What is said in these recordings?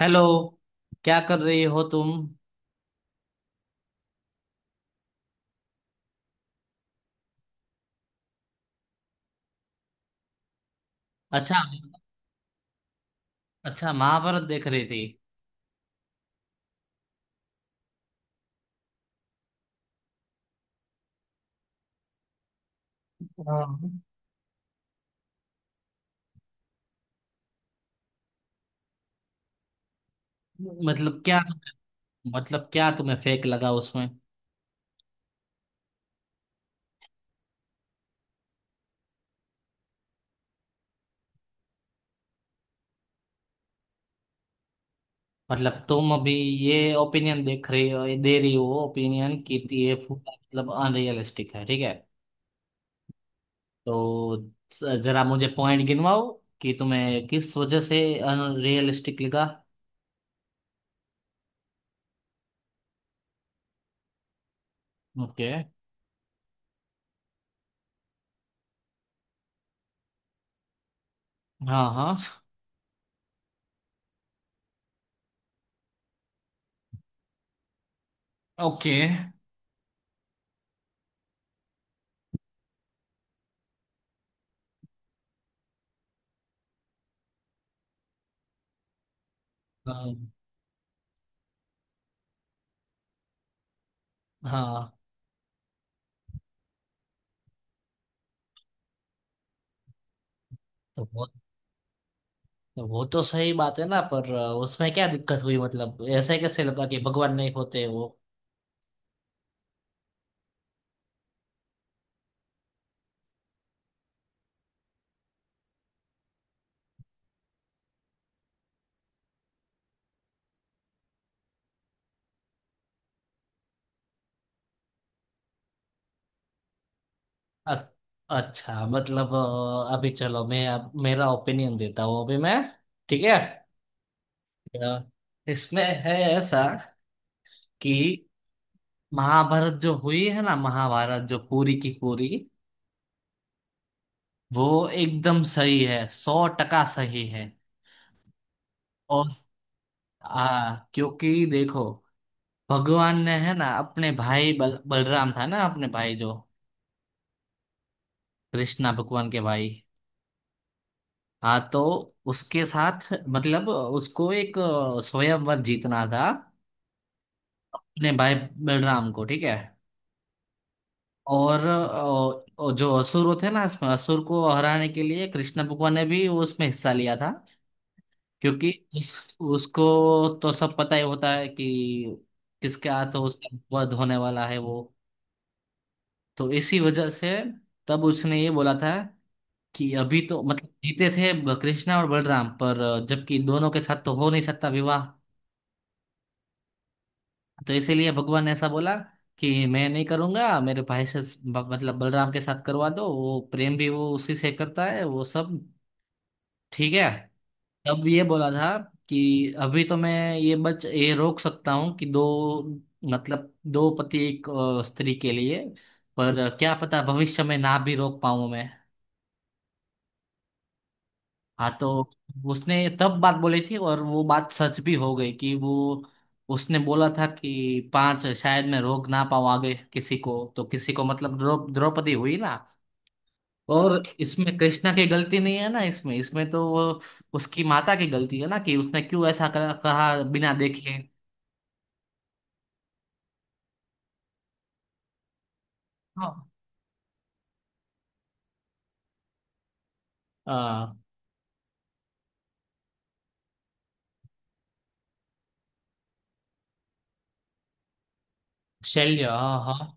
Hello. क्या कर रही हो तुम? अच्छा। अच्छा, महाभारत देख रही थी। हाँ। मतलब क्या? मतलब क्या तुम्हें फेक लगा उसमें? मतलब तुम अभी ये ओपिनियन देख रही हो, दे रही हो ओपिनियन कि ये पूरा मतलब अनरियलिस्टिक है, ठीक है। तो जरा मुझे पॉइंट गिनवाओ कि तुम्हें किस वजह से अनरियलिस्टिक लगा। ओके। हाँ, हाँ। ओके। हाँ, हाँ। वो तो सही बात है ना, पर उसमें क्या दिक्कत हुई, मतलब ऐसे कैसे लगा कि भगवान नहीं होते वो? अ- अच्छा, मतलब अभी चलो, मैं अब मेरा ओपिनियन देता हूँ अभी मैं। ठीक है। अ, इसमें है ऐसा कि महाभारत जो हुई है ना, महाभारत जो पूरी की पूरी वो एकदम सही है, सौ टका सही है। और हाँ, क्योंकि देखो, भगवान ने है ना अपने भाई बलराम था ना, अपने भाई जो कृष्णा भगवान के भाई। हाँ, तो उसके साथ मतलब उसको एक स्वयंवर जीतना था अपने भाई बलराम को, ठीक है। और जो असुर थे ना, इसमें असुर को हराने के लिए कृष्ण भगवान ने भी उसमें हिस्सा लिया था, क्योंकि उसको तो सब पता ही होता है कि किसके हाथ उसका वध होने वाला है वो। तो इसी वजह से तब उसने ये बोला था कि अभी तो मतलब जीते थे कृष्णा और बलराम, पर जबकि दोनों के साथ तो हो नहीं सकता विवाह। तो इसीलिए भगवान ने ऐसा बोला कि मैं नहीं करूंगा मेरे भाई से, मतलब बलराम के साथ करवा दो, वो प्रेम भी वो उसी से करता है वो सब, ठीक है। तब ये बोला था कि अभी तो मैं ये बच ये रोक सकता हूँ कि दो, मतलब दो पति एक स्त्री के लिए, पर क्या पता भविष्य में ना भी रोक पाऊं मैं। हाँ, तो उसने तब बात बोली थी और वो बात सच भी हो गई कि वो उसने बोला था कि पांच शायद मैं रोक ना पाऊँ आगे किसी को तो किसी को, मतलब द्रौपदी हुई ना। और इसमें कृष्णा की गलती नहीं है ना, इसमें इसमें तो वो उसकी माता की गलती है ना कि उसने क्यों ऐसा कहा बिना देखे। हाँ। आ, शल्य, हाँ, हाँ।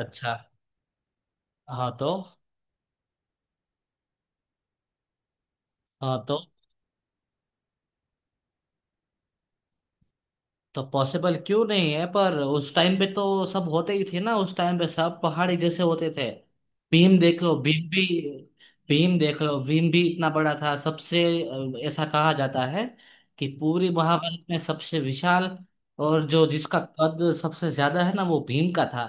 अच्छा। हाँ, तो। हाँ, तो। तो पॉसिबल क्यों नहीं है? पर उस टाइम पे तो सब होते ही थे ना, उस टाइम पे सब पहाड़ी जैसे होते थे। भीम देख लो भीम भी भीम देख लो, भीम भी इतना बड़ा था सबसे। ऐसा कहा जाता है कि पूरी महाभारत में सबसे विशाल और जो जिसका कद सबसे ज्यादा है ना वो भीम का था।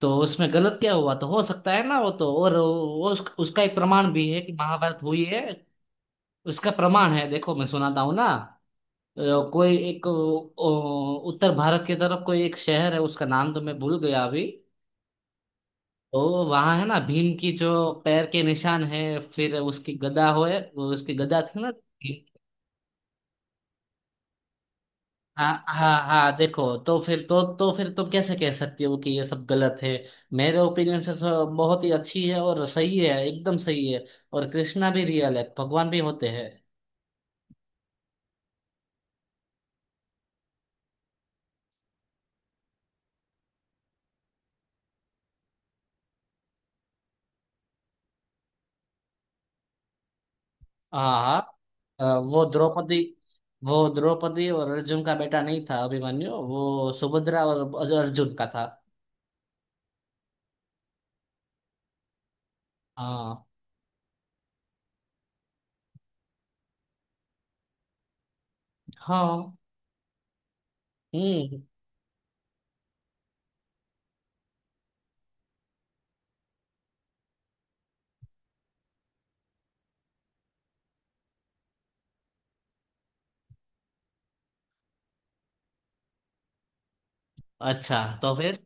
तो उसमें गलत क्या हुआ? तो हो सकता है ना वो तो। और वो उसका एक प्रमाण भी है कि महाभारत हुई है। उसका प्रमाण है, देखो मैं सुनाता हूँ ना। अ, कोई एक उत्तर भारत की तरफ कोई एक शहर है, उसका नाम तो मैं भूल गया अभी। तो वहां है ना भीम की जो पैर के निशान है, फिर उसकी गदा होए, उसकी गदा थी ना। हाँ, हाँ, हाँ। देखो, तो फिर तुम कैसे कह सकती हो कि ये सब गलत है? मेरे ओपिनियन से तो बहुत ही अच्छी है और सही है, एकदम सही है। और कृष्णा भी रियल है, भगवान भी होते हैं। हाँ, हाँ, अ, वो द्रौपदी वो द्रौपदी और अर्जुन का बेटा नहीं था अभिमन्यु, वो सुभद्रा और अर्जुन का था। हाँ। हाँ। हम्म। अच्छा, तो फिर।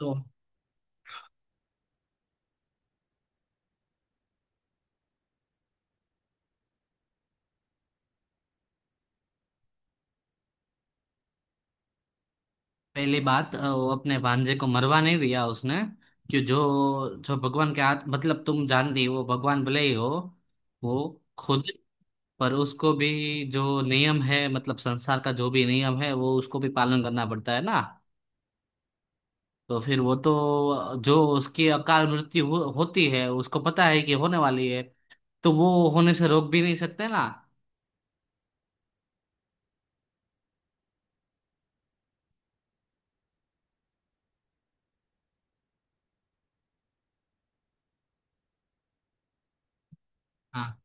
तो पहली बात, वो अपने भांजे को मरवा नहीं दिया उसने कि जो जो भगवान के हाथ, मतलब तुम जानती हो वो भगवान भले ही हो वो खुद, पर उसको भी जो नियम है, मतलब संसार का जो भी नियम है वो उसको भी पालन करना पड़ता है ना। तो फिर वो तो जो उसकी अकाल मृत्यु होती है उसको पता है कि होने वाली है, तो वो होने से रोक भी नहीं सकते ना। हाँ।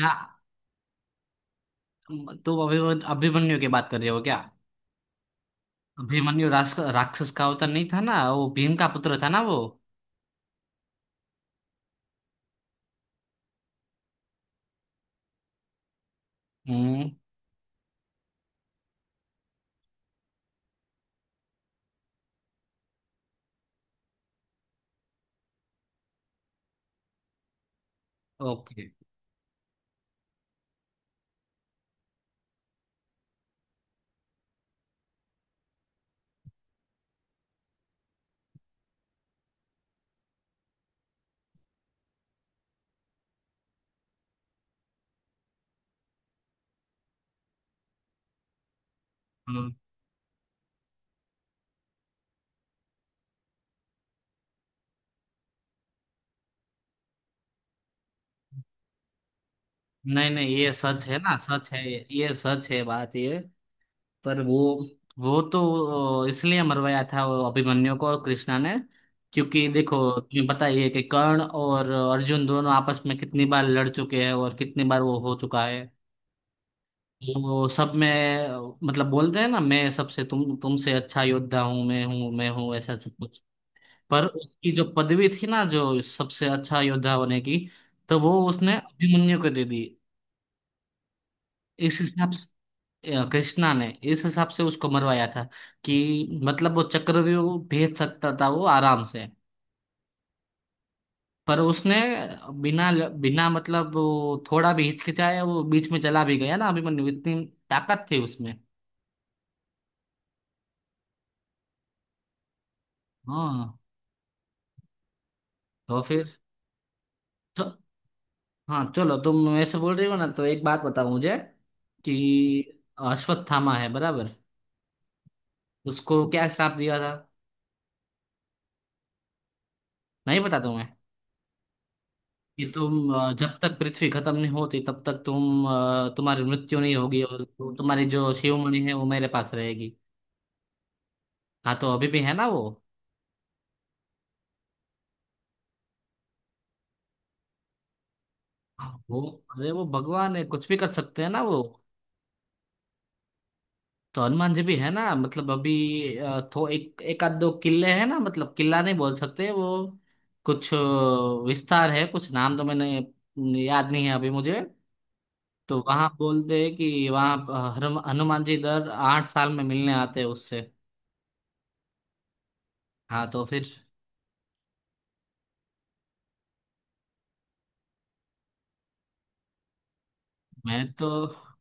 ना, तो अभिमन्यु अभिमन्यु की बात कर रहे हो क्या? अभिमन्यु राक्षस का अवतार नहीं था ना, वो भीम का पुत्र था ना वो। हम्म। ओके। हम्म। नहीं, नहीं, ये सच है ना, सच है। ये सच है बात ये। पर वो तो इसलिए मरवाया था वो अभिमन्यु को कृष्णा ने, क्योंकि देखो, तुम्हें पता ही है कि कर्ण और अर्जुन दोनों आपस में कितनी बार लड़ चुके हैं और कितनी बार वो हो चुका है। वो सब में मतलब बोलते हैं ना, मैं सबसे तुमसे अच्छा योद्धा हूँ, मैं हूँ, मैं हूँ, ऐसा सब कुछ। पर उसकी जो पदवी थी ना जो सबसे अच्छा योद्धा होने की, तो वो उसने अभिमन्यु को दे दी। इस हिसाब, कृष्णा ने इस हिसाब से उसको मरवाया था कि, मतलब वो चक्रव्यूह भेज सकता था वो आराम से, पर उसने बिना बिना, मतलब वो थोड़ा भी हिचकिचाया, वो बीच में चला भी गया ना अभिमन्यु, इतनी ताकत थी उसमें। हाँ, तो फिर तो, हाँ, चलो तुम ऐसे बोल रही हो ना, तो एक बात बताओ मुझे कि अश्वत्थामा है बराबर। उसको क्या श्राप दिया था? नहीं पता तुम्हें? कि तुम जब तक पृथ्वी खत्म नहीं होती तब तक तुम, तुम्हारी मृत्यु नहीं होगी और तुम्हारी जो शिवमणि है वो मेरे पास रहेगी। हाँ, तो अभी भी है ना वो। वो अरे, वो भगवान है, कुछ भी कर सकते हैं ना वो। तो हनुमान जी भी है ना, मतलब अभी थो एक एक आध दो किले हैं ना, मतलब किला नहीं बोल सकते वो, कुछ विस्तार है, कुछ नाम तो मैंने याद नहीं है अभी मुझे। तो वहां बोलते हैं कि वहां हनुमान जी दर 8 साल में मिलने आते हैं उससे। हाँ, तो फिर। मैं तो,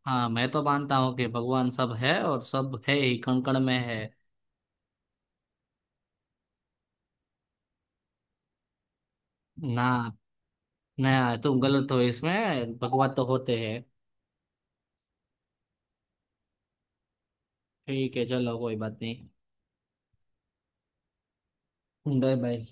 हाँ, मैं तो मानता हूँ कि भगवान सब है और सब है ही, कण कण में है। ना। ना, तुम गलत हो इसमें, भगवान तो होते हैं। ठीक है, चलो, कोई बात नहीं। Bye, bye.